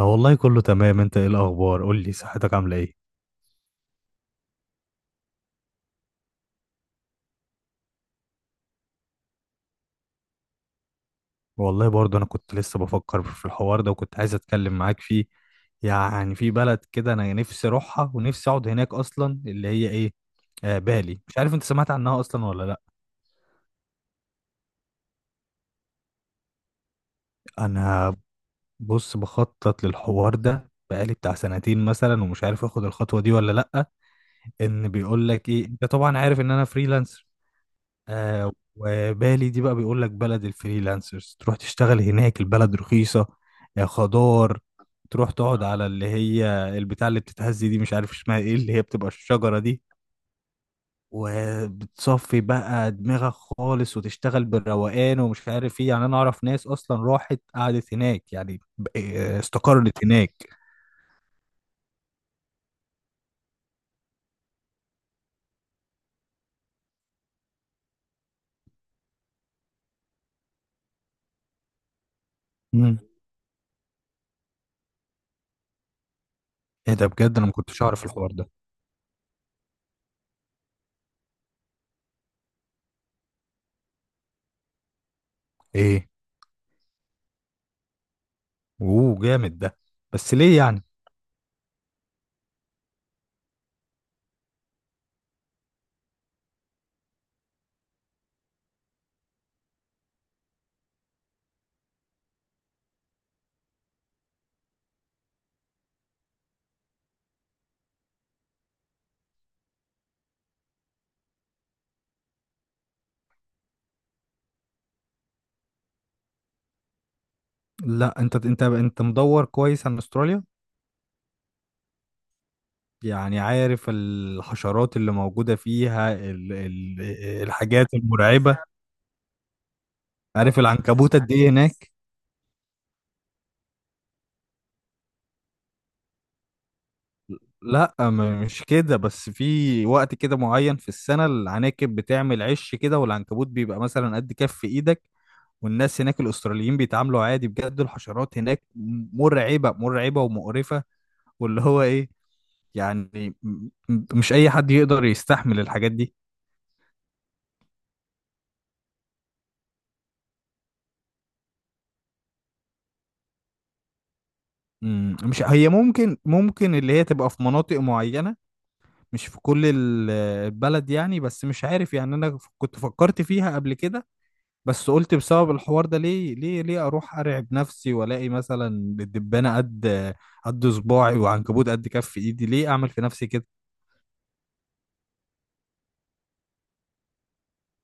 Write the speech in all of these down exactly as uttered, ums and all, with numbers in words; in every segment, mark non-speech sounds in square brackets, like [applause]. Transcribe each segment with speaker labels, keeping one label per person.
Speaker 1: اه والله كله تمام. انت ايه الاخبار؟ قول لي صحتك عامله ايه؟ والله برضه انا كنت لسه بفكر في الحوار ده وكنت عايز اتكلم معاك فيه. يعني في بلد كده انا نفسي اروحها ونفسي اقعد هناك اصلا اللي هي ايه، آه بالي، مش عارف انت سمعت عنها اصلا ولا لا؟ انا بص بخطط للحوار ده بقالي بتاع سنتين مثلا، ومش عارف اخد الخطوه دي ولا لا. ان بيقول لك ايه، انت طبعا عارف ان انا فريلانسر. آه وبالي دي بقى بيقول لك بلد الفريلانسرز، تروح تشتغل هناك، البلد رخيصة، آه، خضار. تروح تقعد على اللي هي البتاع اللي بتتهز دي، مش عارف اسمها ايه، اللي هي بتبقى الشجرة دي. وبتصفي بقى دماغك خالص وتشتغل بالروقان ومش عارف ايه، يعني انا اعرف ناس اصلا راحت قعدت هناك، يعني ب- آه، استقرت هناك. مم. ايه ده؟ بجد انا ما كنتش اعرف الحوار ده. ايه، اوه جامد ده! بس ليه يعني؟ لا، انت انت انت مدور كويس عن استراليا، يعني عارف الحشرات اللي موجودة فيها، ال ال الحاجات المرعبة. عارف العنكبوت قد ايه هناك؟ لا، م- مش كده، بس في وقت كده معين في السنة العناكب بتعمل عش كده، والعنكبوت بيبقى مثلا قد كف ايدك. والناس هناك الأستراليين بيتعاملوا عادي، بجد الحشرات هناك مرعبة مرعبة ومقرفة. واللي هو ايه، يعني م- م- مش أي حد يقدر يستحمل الحاجات دي. مم، مش هي، ممكن ممكن اللي هي تبقى في مناطق معينة، مش في كل ال- البلد يعني. بس مش عارف يعني، انا ف- كنت فكرت فيها قبل كده، بس قلت بسبب الحوار ده ليه ليه ليه اروح ارعب نفسي والاقي مثلا الدبانة قد قد صباعي وعنكبوت قد كف ايدي، ليه اعمل في نفسي كده؟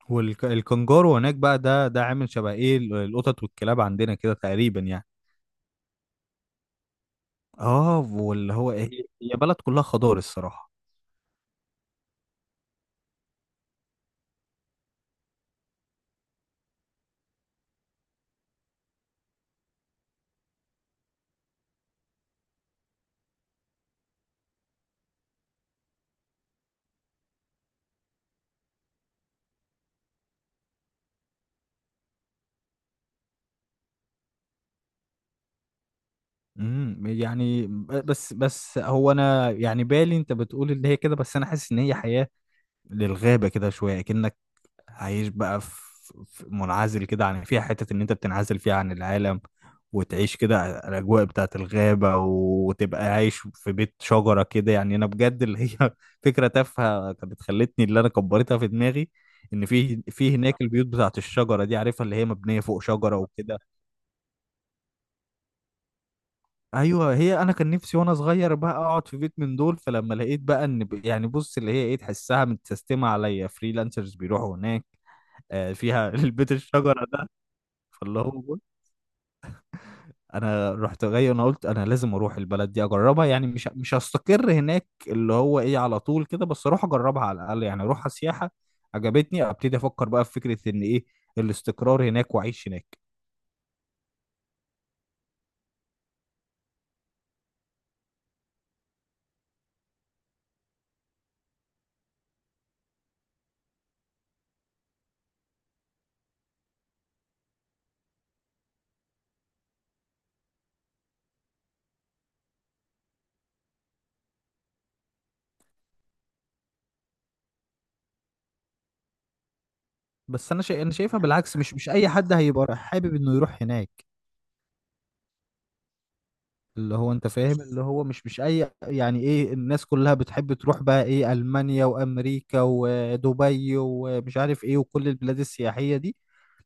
Speaker 1: والكنجارو هناك بقى ده ده عامل شبه ايه ال- القطط والكلاب عندنا كده تقريبا يعني. اه واللي هو ايه. هي بلد كلها خضار الصراحة. امم يعني ب- بس بس هو انا يعني بالي، انت بتقول ان هي كده، بس انا حاسس ان هي حياة للغابة كده شوية، كأنك عايش بقى في في منعزل كده، عن فيها حتة إن أنت بتنعزل فيها عن العالم وتعيش كده الأجواء بتاعة الغابة، وتبقى عايش في بيت شجرة كده، يعني أنا بجد اللي هي [laughs] فكرة تافهة كانت خلتني اللي أنا كبرتها في دماغي، إن في في هناك البيوت بتاعة الشجرة دي، عارفها اللي هي مبنية فوق شجرة وكده. أيوه، هي أنا كان نفسي وأنا صغير بقى أقعد في بيت من دول، فلما لقيت بقى إن ب- يعني بص اللي هي إيه، تحسها متسيستمة عليا، فريلانسرز بيروحوا هناك، آه، فيها [laughs] البيت الشجره ده. فاللي هو بص، انا رحت جاي انا قلت انا لازم اروح البلد دي اجربها، يعني مش مش هستقر هناك اللي هو ايه على طول كده، بس اروح اجربها على الاقل، يعني اروح سياحه. عجبتني، ابتدي افكر بقى في فكره ان ايه الاستقرار هناك واعيش هناك. بس انا شا... انا شايفها بالعكس، مش مش اي حد هيبقى حابب انه يروح هناك. اللي هو انت فاهم، اللي هو مش مش اي يعني ايه، الناس كلها بتحب تروح بقى ايه المانيا وامريكا ودبي ومش عارف ايه وكل البلاد السياحية دي.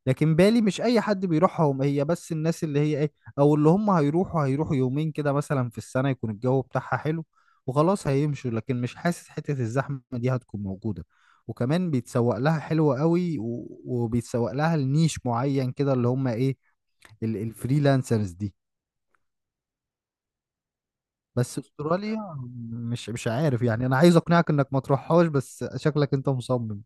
Speaker 1: لكن بالي مش اي حد بيروحهم، هي بس الناس اللي هي ايه، او اللي هم هيروحوا هيروحوا يومين كده مثلا في السنة يكون الجو بتاعها حلو وخلاص هيمشوا، لكن مش حاسس حتة الزحمة دي هتكون موجودة. وكمان بيتسوق لها حلوة قوي، و- وبيتسوق لها لنيش معين كده اللي هم ايه ال- الفريلانسرز دي. بس استراليا مش مش عارف، يعني انا عايز اقنعك انك ما تروحهاش بس شكلك انت مصمم.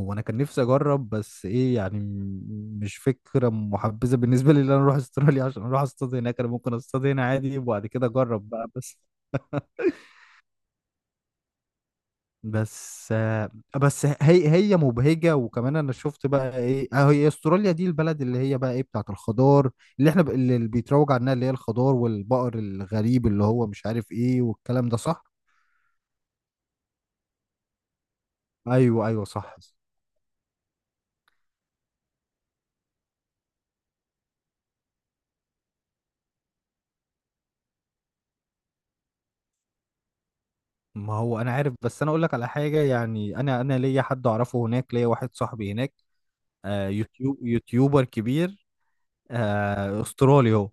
Speaker 1: هو انا كان نفسي اجرب، بس ايه يعني م- مش فكره محبذه بالنسبه لي ان انا اروح استراليا عشان اروح اصطاد هناك. انا ممكن اصطاد هنا عادي وبعد كده اجرب بقى، بس بس آه، بس هي هي مبهجه. وكمان انا شفت بقى ايه، آه، هي استراليا دي البلد اللي هي بقى ايه بتاعت الخضار، اللي احنا ب- اللي اللي بيتروج عنها، اللي هي الخضار والبقر الغريب اللي هو مش عارف ايه، والكلام ده صح. ايوه ايوه صح. ما هو انا عارف، بس انا اقول لك على حاجه، يعني انا انا ليا حد اعرفه هناك، ليا واحد صاحبي هناك. آه، يوتيوب يوتيوبر كبير. آه استرالي هو.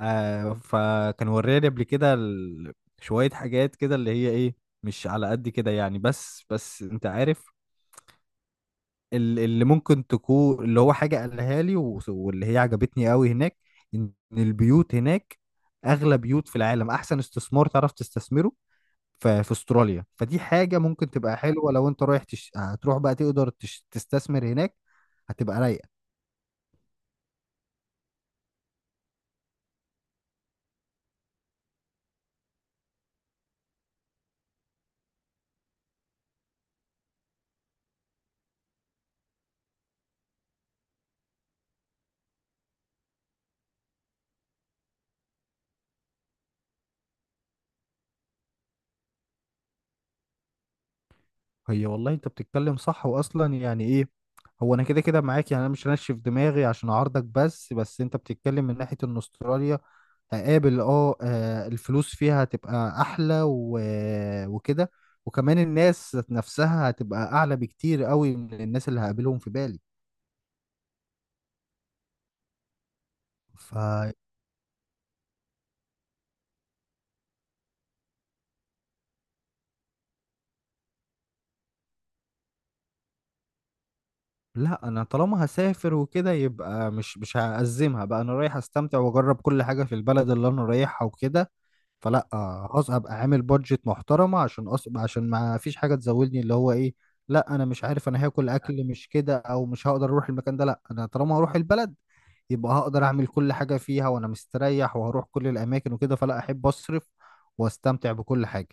Speaker 1: آه فكان وراني قبل كده ال- شويه حاجات كده اللي هي ايه، مش على قد كده يعني. بس بس انت عارف ال- اللي ممكن تكون اللي هو حاجه قالها لي و- واللي هي عجبتني قوي هناك، ان البيوت هناك اغلى بيوت في العالم، احسن استثمار تعرف تستثمره ف- في استراليا. فدي حاجة ممكن تبقى حلوة، لو انت رايح تش... هتروح بقى تقدر تش... تستثمر هناك، هتبقى رايقة. هي والله انت بتتكلم صح، واصلا يعني ايه. هو انا كده كده معاك، يعني انا مش هنشف دماغي عشان اعارضك، بس بس انت بتتكلم من ناحية ان استراليا هقابل، اه آه، الفلوس فيها هتبقى احلى و... وكده، وكمان الناس ذات نفسها هتبقى اعلى بكتير قوي من الناس اللي هقابلهم في بالي. ف لا، انا طالما هسافر وكده يبقى مش مش هأزمها بقى، انا رايح استمتع واجرب كل حاجه في البلد اللي انا رايحها وكده. فلا، آه، خلاص ابقى عامل بادجت محترمه عشان أص... عشان ما فيش حاجه تزودني اللي هو ايه، لا انا مش عارف انا هاكل اكل مش كده او مش هقدر اروح المكان ده، لا انا طالما هروح البلد يبقى هقدر اعمل كل حاجه فيها وانا مستريح، وهروح كل الاماكن وكده، فلا احب اصرف واستمتع بكل حاجه.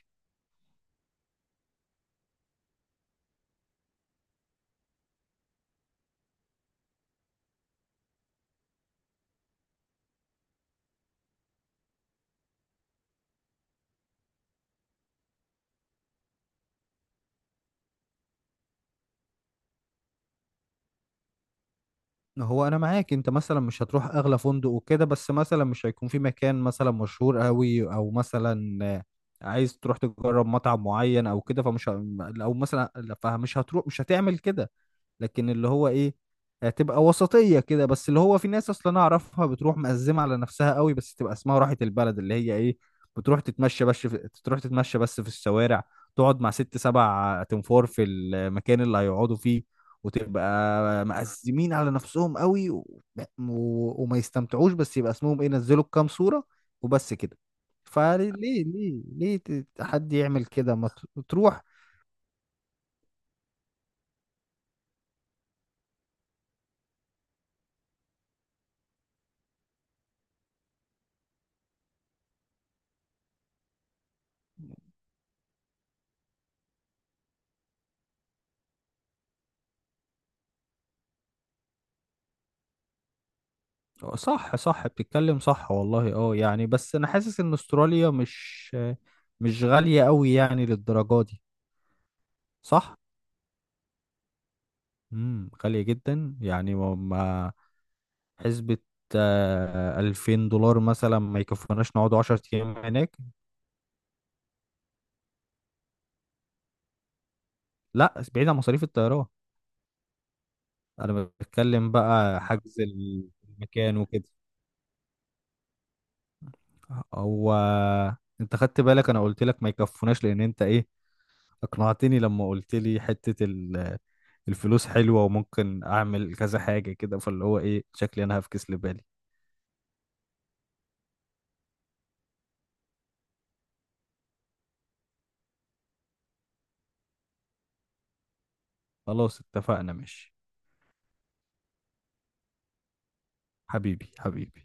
Speaker 1: هو انا معاك، انت مثلا مش هتروح اغلى فندق وكده، بس مثلا مش هيكون في مكان مثلا مشهور قوي او مثلا، آه، عايز تروح تجرب مطعم معين او كده، فمش ه... او مثلا لا، فمش هتروح مش هتعمل كده. لكن اللي هو ايه، هتبقى وسطية كده. بس اللي هو في ناس اصلا انا اعرفها بتروح مقزمة على نفسها قوي، بس تبقى اسمها راحة البلد اللي هي ايه، بتروح تتمشى بس في... تروح تتمشى بس في الشوارع، تقعد مع ست سبع تنفور في المكان اللي هيقعدوا فيه، وتبقى مقزمين على نفسهم قوي و... و... وما يستمتعوش، بس يبقى اسمهم ايه نزلوا كام صورة وبس كده. فليه ليه ليه ليه ت- حد يعمل كده، ما ت- تروح. آه، صح صح بتتكلم صح، والله اه. يعني بس انا حاسس ان استراليا مش مش غالية قوي يعني للدرجة دي. صح. امم غالية جدا يعني، ما ما- حسبة، آه، ألفين دولار مثلا ما يكفوناش نقعد عشرة ايام هناك. لا، بعيد عن مصاريف الطيران، انا بتكلم بقى حجز المكان وكده. هو انت خدت بالك، انا قلت لك ما يكفوناش لان انت ايه اقنعتني لما قلت لي حتة ال- الفلوس حلوة وممكن اعمل كذا حاجة كده، فاللي هو ايه شكلي انا هفكس لبالي. خلاص اتفقنا ماشي. حبيبي حبيبي.